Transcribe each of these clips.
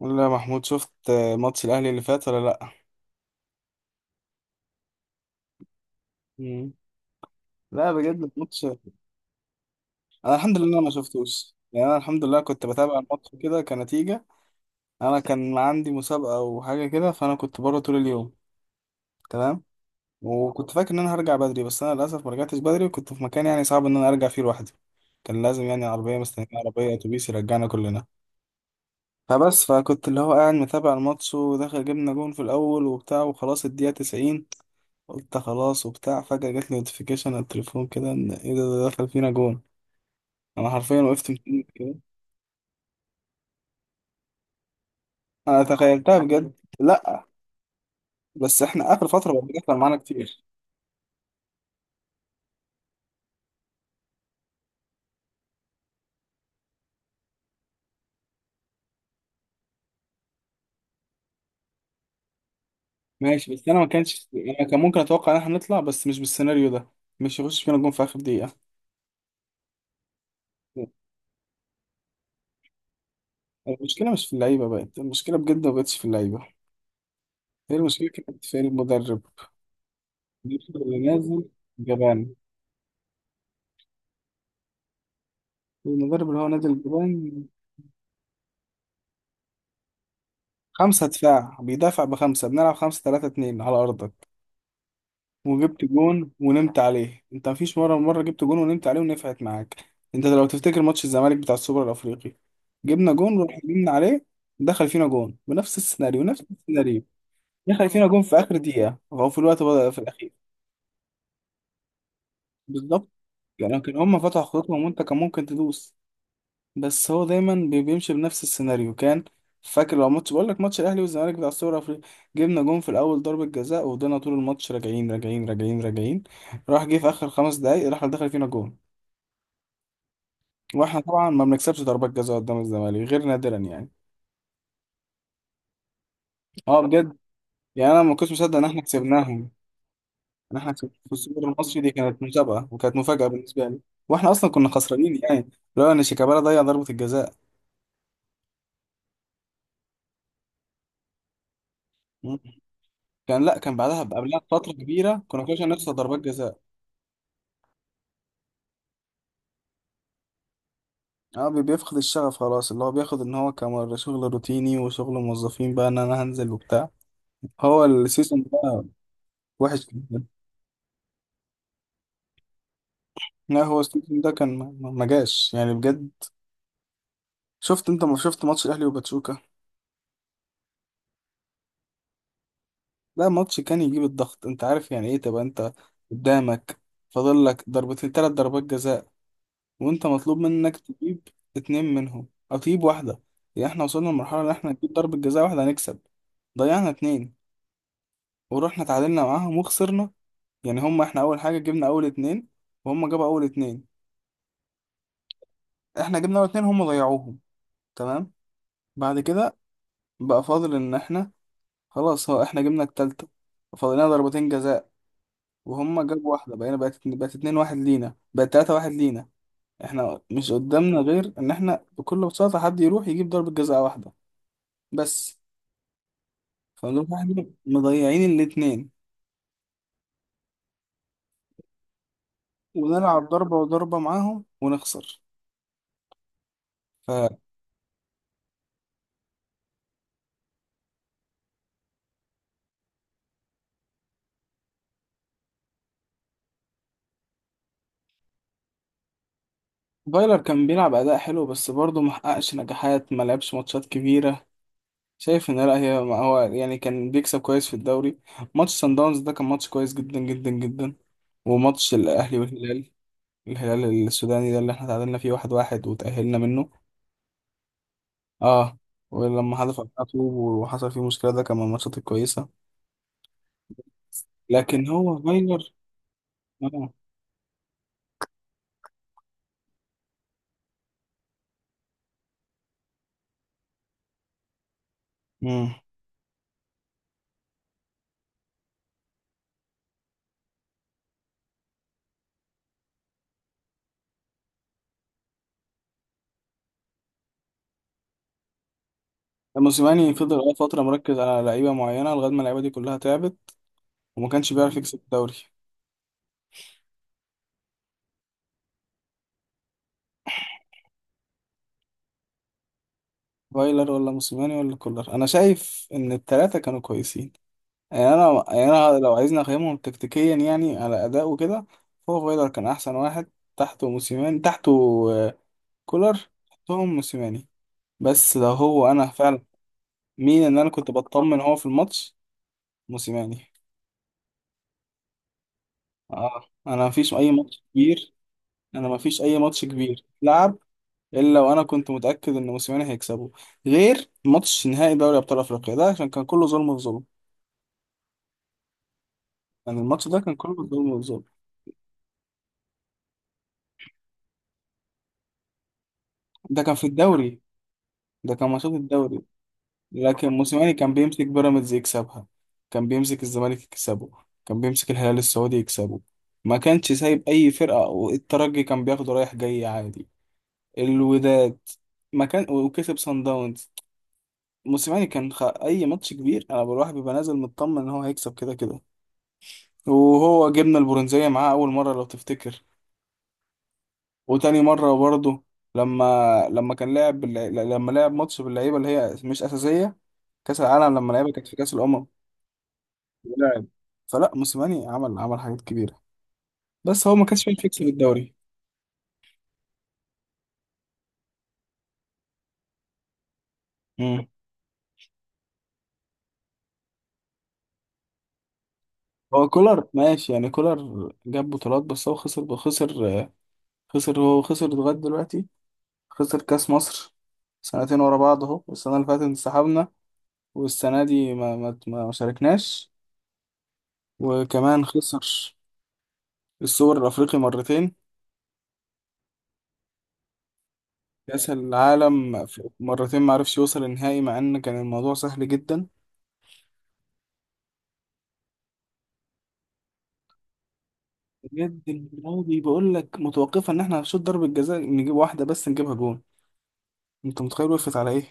لا يا محمود، شفت ماتش الاهلي اللي فات ولا لا؟ مم. لا، بجد الماتش. انا الحمد لله ما شفتوش، يعني انا الحمد لله كنت بتابع الماتش كده كنتيجة. انا كان عندي مسابقة وحاجة كده، فانا كنت بره طول اليوم. تمام. وكنت فاكر ان انا هرجع بدري، بس انا للاسف ما رجعتش بدري، وكنت في مكان يعني صعب ان انا ارجع فيه لوحدي. كان لازم يعني عربية مستنية، عربية اتوبيس يرجعنا كلنا. فكنت اللي هو قاعد متابع الماتش وداخل، جبنا جون في الاول وبتاع وخلاص الدقيقة 90، قلت خلاص وبتاع. فجأة جاتلي نوتيفيكيشن على التليفون كده ان ايه ده دخل فينا جون. انا حرفيا وقفت متأمل كده. انا تخيلتها بجد، لا. بس احنا اخر فترة بقى بيحصل معانا كتير. ماشي، بس انا ما كانش. انا كان ممكن اتوقع ان احنا نطلع، بس مش بالسيناريو ده، مش يخش فينا جون في اخر دقيقة. المشكلة مش في اللعيبة، بقت المشكلة بجد ما بقتش في اللعيبة، هي المشكلة كانت في المدرب. المدرب اللي نازل جبان. المدرب اللي هو نازل جبان. خمسة دفاع بيدافع بخمسة، بنلعب خمسة تلاتة اتنين على أرضك، وجبت جون ونمت عليه. انت مفيش مره مره جبت جون ونمت عليه ونفعت معاك. انت لو تفتكر ماتش الزمالك بتاع السوبر الافريقي، جبنا جون ورحنا نمنا عليه، دخل فينا جون بنفس السيناريو، نفس السيناريو. دخل فينا جون في اخر دقيقه او في الوقت بدأ في الاخير. بالظبط، يعني كان هم فتحوا خطوطهم وانت كان ممكن تدوس. بس هو دايما بيمشي بنفس السيناريو. كان فاكر، لو ماتش، بقول لك ماتش الاهلي والزمالك بتاع السوبر الافريقي، جبنا جون في الاول ضربة جزاء وفضلنا طول الماتش راجعين راجعين راجعين راجعين، راح جه في اخر خمس دقايق راح دخل فينا جون. واحنا طبعا ما بنكسبش ضربات جزاء قدام الزمالك غير نادرا، يعني اه بجد. يعني انا ما كنتش مصدق ان احنا كسبناهم. ان احنا كسبنا في السوبر المصري، دي كانت مسابقة وكانت مفاجأة بالنسبة لي. واحنا اصلا كنا خسرانين يعني، لو ان شيكابالا ضيع ضربة الجزاء. مم. كان لا كان بعدها، قبلها بفترة كبيرة كنا كل شوية نخسر ضربات جزاء. اه بيفقد الشغف خلاص، اللي هو بياخد ان هو كمر شغل روتيني وشغل موظفين بقى، ان انا هنزل وبتاع. هو السيزون ده وحش جدا. لا هو السيزون ده كان ما جاش يعني بجد. شفت انت، ما شفت ماتش الاهلي وباتشوكا؟ ده ماتش كان يجيب الضغط. انت عارف يعني ايه تبقى انت قدامك فاضل لك ضربتين ثلاث ضربات جزاء، وانت مطلوب منك تجيب اتنين منهم او تجيب واحده. يعني احنا وصلنا لمرحله ان احنا نجيب ضربه جزاء واحده هنكسب. ضيعنا اتنين ورحنا تعادلنا معاهم وخسرنا. يعني هم احنا اول حاجه جبنا اول اتنين، وهم جابوا اول اتنين. احنا جبنا اول اتنين هم ضيعوهم. تمام. بعد كده بقى فاضل ان احنا، خلاص هو احنا جبنا التالتة، فاضلنا ضربتين جزاء، وهم جابوا واحده، بقينا بقت بقت اتنين واحد لينا، بقت تلاتة واحد لينا. احنا مش قدامنا غير ان احنا بكل بساطه حد يروح يجيب ضربه جزاء واحده بس. فنروح احنا مضيعين الاتنين ونلعب ضربه وضربه معاهم ونخسر. فايلر كان بيلعب أداء حلو بس برضه محققش نجاحات، ما لعبش ماتشات كبيرة. شايف إن لا، هي، ما هو يعني كان بيكسب كويس في الدوري. ماتش سان داونز ده كان ماتش كويس جدا جدا جدا. وماتش الأهلي والهلال، الهلال السوداني ده اللي احنا تعادلنا فيه واحد واحد وتأهلنا منه اه. ولما حذف علينا طوب وحصل فيه مشكلة، ده كان من الماتشات الكويسة. لكن هو فايلر اه. مم. موسيماني فضل فترة مركز على لعيبة معينة لغاية ما اللعيبة دي كلها تعبت، وما كانش بيعرف يكسب الدوري. فايلر ولا موسيماني ولا كولر، انا شايف ان الثلاثه كانوا كويسين. يعني انا، يعني انا لو عايزني اقيمهم تكتيكيا يعني على اداء وكده، فهو فايلر كان احسن واحد، تحته موسيماني، تحته آه، كولر. تحتهم موسيماني. بس لو هو انا فعلا، مين ان انا كنت بطمن هو في الماتش؟ موسيماني. اه، انا مفيش اي ماتش كبير، انا مفيش اي ماتش كبير لعب الا وانا كنت متاكد ان موسيماني هيكسبه، غير ماتش نهائي دوري ابطال افريقيا ده عشان كان كله ظلم في ظلم. يعني الماتش ده كان كله بالظبط بالظبط. ده كان في الدوري، ده كان ماتشات الدوري. لكن موسيماني كان بيمسك بيراميدز يكسبها، كان بيمسك الزمالك يكسبه، كان بيمسك الهلال السعودي يكسبه، ما كانش سايب اي فرقة. والترجي كان بياخده رايح جاي عادي، الوداد، ما كان، وكسب سان داونز. موسيماني كان اي ماتش كبير انا بروح بيبقى نازل مطمن ان هو هيكسب كده كده. وهو جبنا البرونزية معاه اول مرة لو تفتكر، وتاني مرة برضه. لما لما كان لعب باللع- لما لعب ماتش باللعيبة اللي هي مش أساسية، كأس العالم لما لعيبة كانت في كأس الأمم، ولعب. فلا، موسيماني عمل حاجات كبيرة، بس هو ما كانش فاهم يكسب الدوري. مم. هو كولر ماشي يعني، كولر جاب بطولات بس هو خسر، خسر، خسر. هو خسر لغاية دلوقتي، خسر كأس مصر سنتين ورا بعض، اهو السنة اللي فاتت انسحبنا، والسنة دي ما شاركناش. وكمان خسر السوبر الأفريقي مرتين. كأس العالم مرتين ما عرفش يوصل النهائي، مع ان كان الموضوع سهل جدا. بجد الماضي بقول لك متوقفه ان احنا هنشوط ضربه جزاء نجيب واحده بس، نجيبها جون. انت متخيل وقفت على ايه؟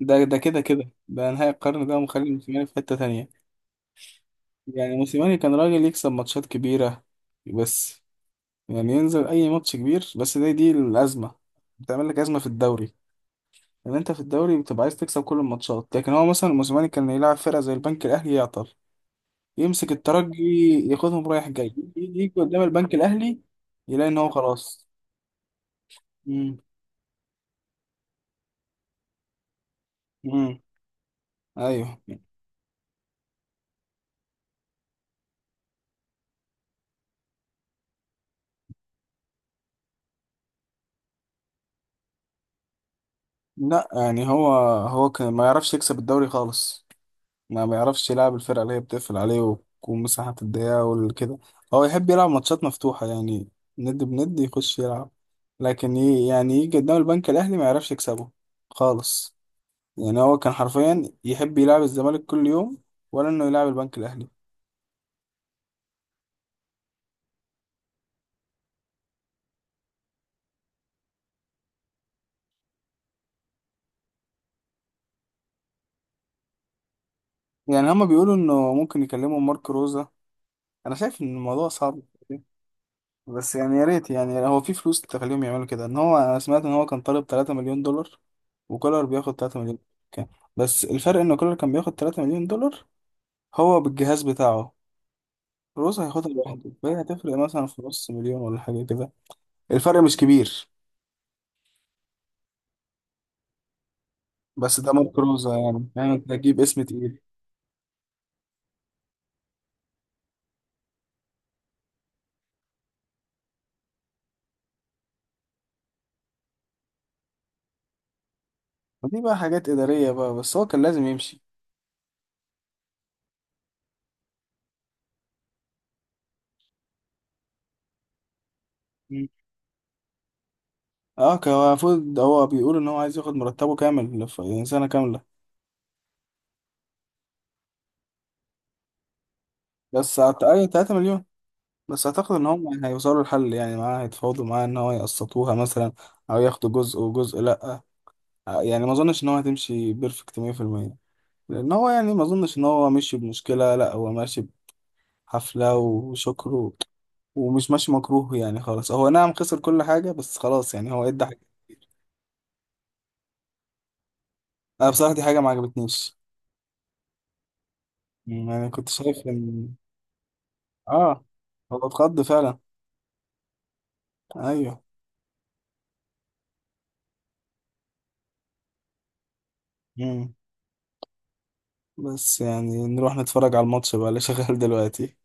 ده كده كده ده نهائي القرن، ده ومخلي موسيماني في حته تانية. يعني موسيماني كان راجل يكسب ماتشات كبيره، بس يعني ينزل اي ماتش كبير، بس دي الازمه بتعمل لك ازمه في الدوري. يعني انت في الدوري بتبقى عايز تكسب كل الماتشات، لكن هو مثلا موسيماني كان يلعب فرقه زي البنك الاهلي يعطل، يمسك الترجي ياخدهم رايح جاي، يجي قدام البنك الاهلي يلاقي ان هو خلاص. امم. امم. ايوه. لا يعني هو كان ما يعرفش يكسب الدوري خالص، ما بيعرفش يلعب الفرقه اللي هي بتقفل عليه ومساحه الضيقه وكده. هو يحب يلعب ماتشات مفتوحه يعني، ند بند يخش يلعب، لكن يعني يجي قدام البنك الاهلي ما يعرفش يكسبه خالص. يعني هو كان حرفيا يحب يلعب الزمالك كل يوم ولا انه يلعب البنك الاهلي. يعني هما بيقولوا انه ممكن يكلموا مارك روزا، انا شايف ان الموضوع صعب. بس يعني يا ريت، يعني هو في فلوس تخليهم يعملوا كده ان هو. انا سمعت ان هو كان طالب 3 مليون دولار، وكولر بياخد 3 مليون كان. بس الفرق ان كولر كان بياخد 3 مليون دولار هو بالجهاز بتاعه، روزا هياخدها لوحده فهي هتفرق مثلا في نص مليون ولا حاجه كده. الفرق مش كبير. بس ده مارك روزا، يعني انت هتجيب اسم تقيل. ودي بقى حاجات اداريه بقى، بس هو كان لازم يمشي. اه كان هو المفروض، هو بيقول ان هو عايز ياخد مرتبه كامل، يعني سنه كامله. بس اي 3 مليون. بس اعتقد ان هم هيوصلوا لحل، يعني معاه هيتفاوضوا معاه ان هو يقسطوها مثلا او ياخدوا جزء وجزء، لا يعني ما اظنش ان هو هتمشي بيرفكت 100%. لان هو يعني ما اظنش ان هو ماشي بمشكله، لا هو ماشي بحفله وشكر ومش ماشي مكروه يعني خالص. هو نعم خسر كل حاجه، بس خلاص يعني هو ادى حاجه. انا بصراحه دي حاجه ما عجبتنيش، يعني كنت شايف ان اه هو اتخض فعلا. ايوه. مم. بس يعني نروح نتفرج على الماتش بقى اللي شغال دلوقتي.